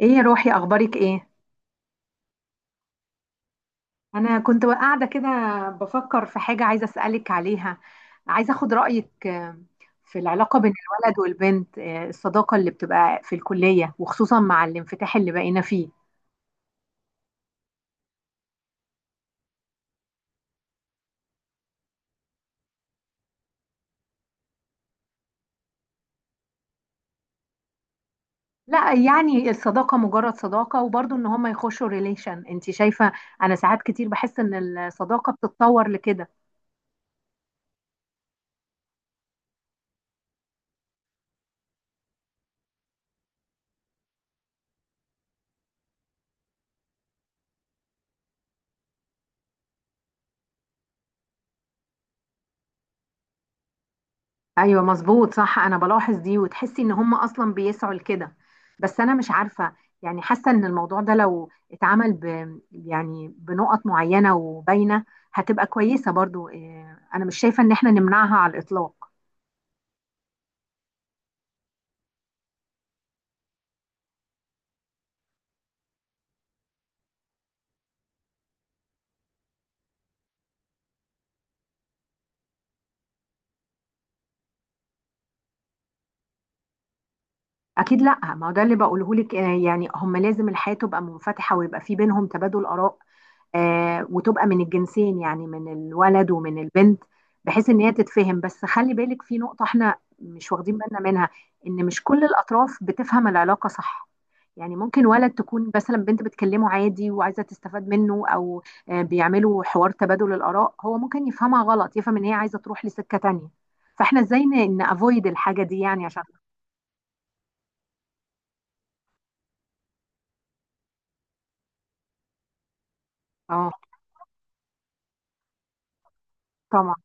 ايه يا روحي، اخبارك ايه؟ انا كنت قاعده كده بفكر في حاجه عايزه اسالك عليها. عايزه اخد رايك في العلاقه بين الولد والبنت، الصداقه اللي بتبقى في الكليه، وخصوصا مع الانفتاح اللي بقينا فيه. لا يعني الصداقه مجرد صداقه، وبرضه ان هما يخشوا ريليشن، انت شايفه؟ انا ساعات كتير بحس ان الصداقه بتتطور لكده. ايوه مظبوط صح، انا بلاحظ دي وتحسي ان هم اصلا بيسعوا لكده. بس انا مش عارفه، يعني حاسه ان الموضوع ده لو اتعمل يعني بنقط معينه وباينه، هتبقى كويسه برضو. انا مش شايفه ان احنا نمنعها على الاطلاق. اكيد لا، ما هو ده اللي بقوله لك، يعني هم لازم الحياه تبقى منفتحه ويبقى في بينهم تبادل اراء، وتبقى من الجنسين، يعني من الولد ومن البنت، بحيث ان هي تتفهم. بس خلي بالك في نقطة احنا مش واخدين بالنا منها: ان مش كل الاطراف بتفهم العلاقة صح. يعني ممكن ولد تكون مثلا بنت بتكلمه عادي وعايزة تستفاد منه، او بيعملوا حوار تبادل الاراء، هو ممكن يفهمها غلط، يفهم ان هي عايزة تروح لسكة تانية. فاحنا ازاي نافويد الحاجة دي يعني عشان... اه، طبعا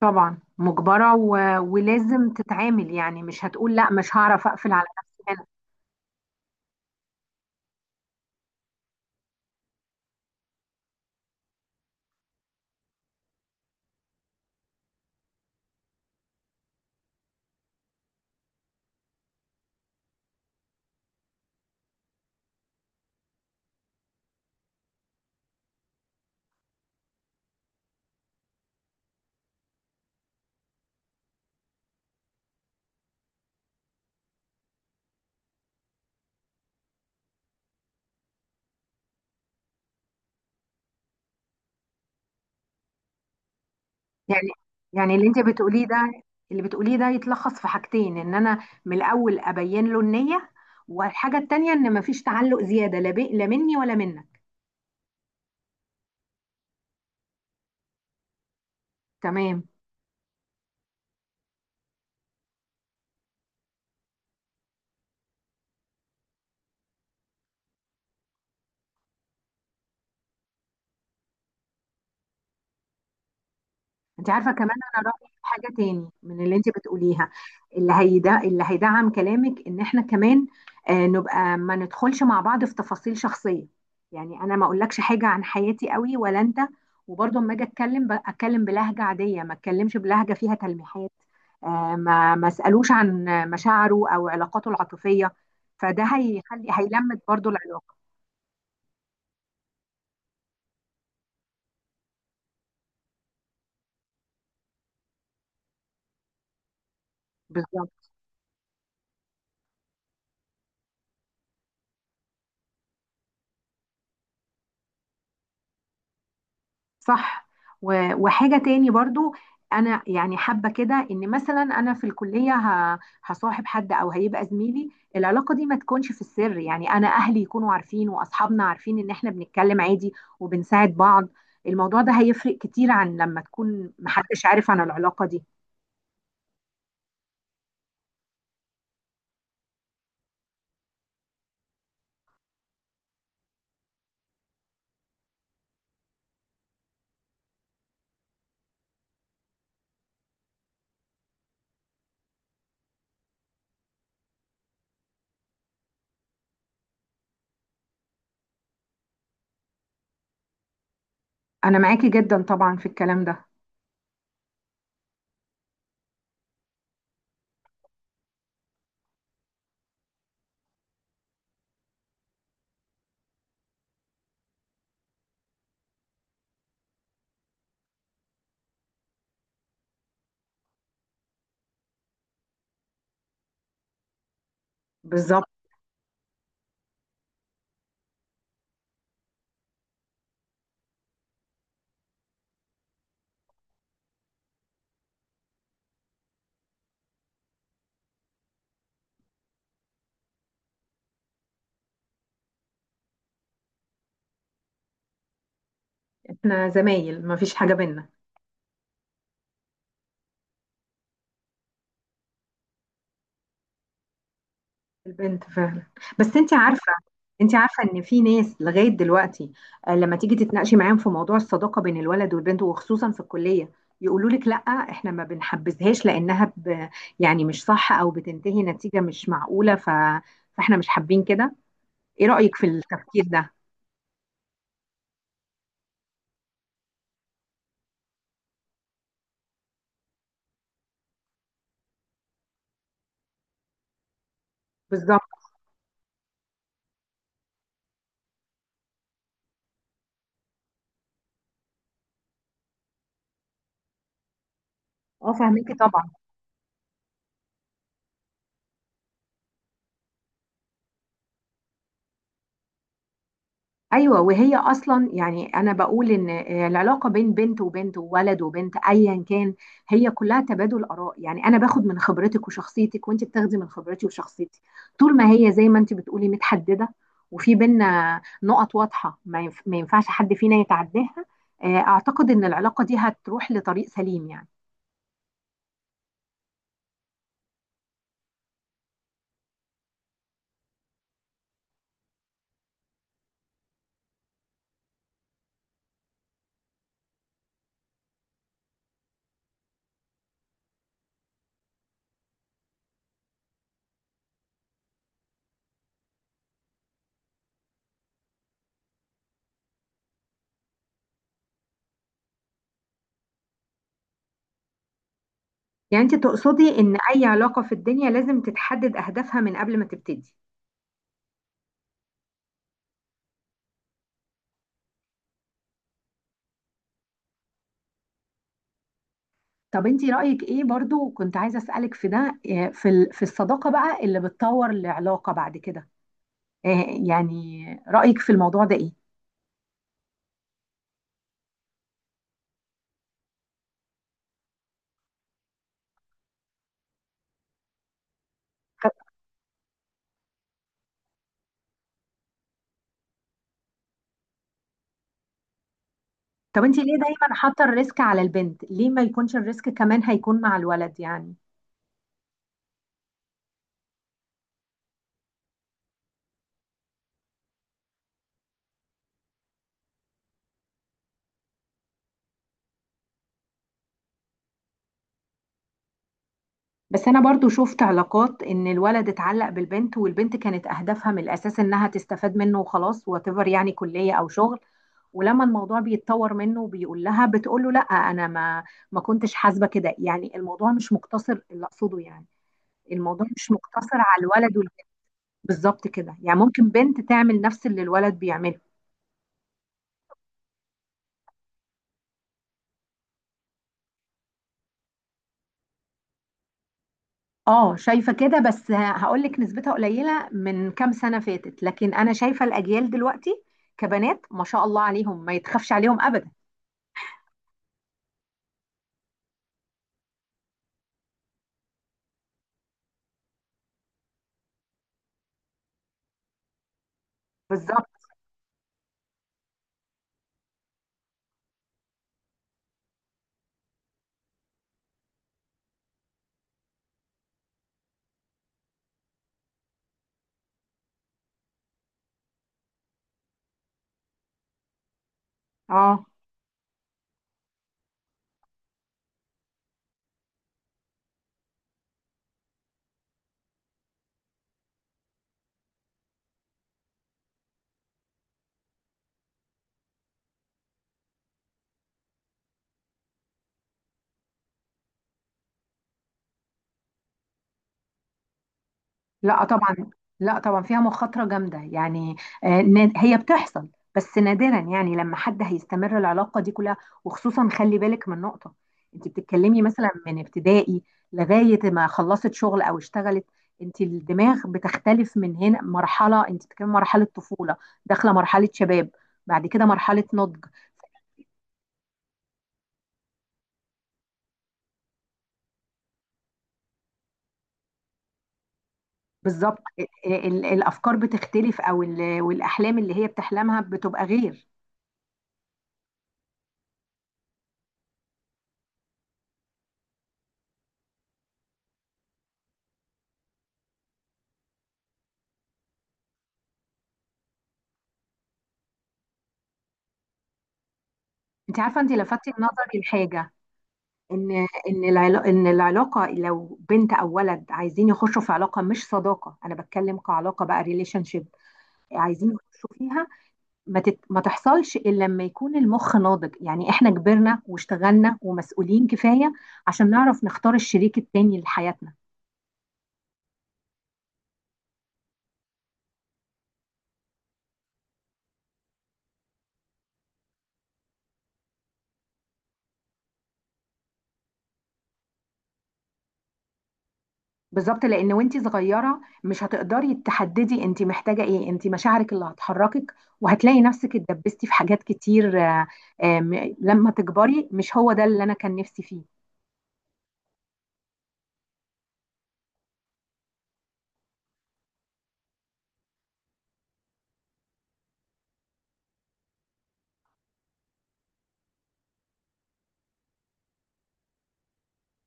طبعا مجبرة، ولازم تتعامل، يعني مش هتقول لا مش هعرف اقفل على نفسي هنا. يعني يعني اللي بتقوليه ده يتلخص في حاجتين: ان انا من الاول ابين له النية، والحاجة التانية ان مفيش تعلق زيادة، لا لا مني ولا منك. تمام، انت عارفه كمان انا رايي في حاجه تاني من اللي انت بتقوليها. اللي هيدا اللي هيدعم كلامك ان احنا كمان نبقى ما ندخلش مع بعض في تفاصيل شخصيه. يعني انا ما اقولكش حاجه عن حياتي قوي ولا انت، وبرضه اما اجي اتكلم اتكلم بلهجه عاديه، ما اتكلمش بلهجه فيها تلميحات، ما اسالوش عن مشاعره او علاقاته العاطفيه. فده هيخلي هيلمت برضه العلاقه. بالظبط، صح. وحاجة تاني برضو، أنا يعني حابة كده إن مثلا أنا في الكلية هصاحب حد أو هيبقى زميلي، العلاقة دي ما تكونش في السر. يعني أنا أهلي يكونوا عارفين وأصحابنا عارفين إن إحنا بنتكلم عادي وبنساعد بعض. الموضوع ده هيفرق كتير عن لما تكون محدش عارف عن العلاقة دي. أنا معاكي جدا طبعا في الكلام ده. بالظبط، إحنا زمايل مفيش حاجة بينا. البنت فعلا. بس انت عارفه، ان في ناس لغايه دلوقتي، لما تيجي تتناقشي معاهم في موضوع الصداقه بين الولد والبنت وخصوصا في الكليه، يقولوا لك لا، احنا ما بنحبذهاش لانها يعني مش صح، او بتنتهي نتيجه مش معقوله، فاحنا مش حابين كده. ايه رايك في التفكير ده؟ بالظبط. اه، فاهميكي طبعا. ايوه، وهي اصلا يعني انا بقول ان العلاقه بين بنت وبنت وولد وبنت ايا كان هي كلها تبادل اراء. يعني انا باخد من خبرتك وشخصيتك وانت بتاخدي من خبرتي وشخصيتي. طول ما هي زي ما انت بتقولي متحدده، وفي بينا نقط واضحه ما ينفعش حد فينا يتعداها، اعتقد ان العلاقه دي هتروح لطريق سليم يعني. يعني انت تقصدي ان اي علاقه في الدنيا لازم تتحدد اهدافها من قبل ما تبتدي. طب انتي رأيك ايه، برضو كنت عايزة أسألك في ده، في في الصداقة بقى اللي بتطور العلاقة بعد كده، آه، يعني رأيك في الموضوع ده ايه؟ طب طب انتي ليه دايما حاطة الريسك على البنت؟ ليه ما يكونش الريسك كمان هيكون مع الولد يعني؟ بس انا برضو شفت علاقات ان الولد اتعلق بالبنت والبنت كانت اهدافها من الاساس انها تستفاد منه وخلاص، واتيفر، يعني كلية او شغل. ولما الموضوع بيتطور منه وبيقول لها، بتقول له لا، انا ما كنتش حاسبة كده. يعني الموضوع مش مقتصر، اللي اقصده يعني الموضوع مش مقتصر على الولد والبنت. بالظبط كده، يعني ممكن بنت تعمل نفس اللي الولد بيعمله. اه شايفه كده، بس هقول لك نسبتها قليله من كام سنه فاتت، لكن انا شايفه الاجيال دلوقتي كبنات ما شاء الله عليهم ما يتخافش عليهم ابدا. بالظبط. اه. لا طبعا. لا طبعا فيها مخاطرة جامدة يعني. هي بتحصل بس نادرا، يعني لما حد هيستمر العلاقة دي كلها. وخصوصا خلي بالك من نقطة: انت بتتكلمي مثلا من ابتدائي لغاية ما خلصت شغل او اشتغلت، انت الدماغ بتختلف من هنا. مرحلة انت بتتكلمي مرحلة طفولة، داخلة مرحلة شباب، بعد كده مرحلة نضج. بالظبط. الافكار بتختلف، او والاحلام اللي هي بتحلمها بتبقى غير. انت عارفة، انت لفتي نظري لحاجة: ان العلاقه لو بنت او ولد عايزين يخشوا في علاقه مش صداقه، انا بتكلم كعلاقه بقى، ريليشن شيب، عايزين يخشوا فيها، ما تحصلش الا لما يكون المخ ناضج. يعني احنا كبرنا واشتغلنا ومسؤولين كفايه عشان نعرف نختار الشريك التاني لحياتنا. بالظبط، لان وانت صغيره مش هتقدري تحددي انت محتاجه ايه، انت مشاعرك اللي هتحركك، وهتلاقي نفسك اتدبستي في حاجات كتير. لما تكبري، مش هو ده اللي انا كان نفسي فيه.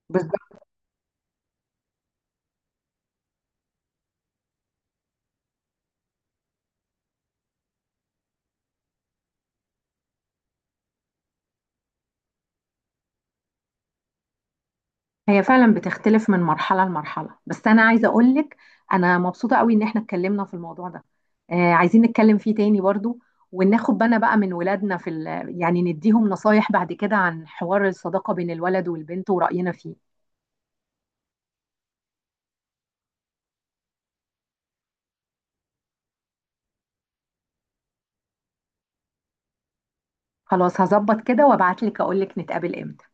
بالظبط. هي فعلا بتختلف من مرحلة لمرحلة. بس أنا عايزة أقولك أنا مبسوطة قوي إن إحنا اتكلمنا في الموضوع ده، عايزين نتكلم فيه تاني برضو، وناخد بالنا بقى من ولادنا في يعني نديهم نصايح بعد كده عن حوار الصداقة بين الولد والبنت ورأينا فيه. خلاص، هظبط كده وأبعتلك أقولك نتقابل إمتى؟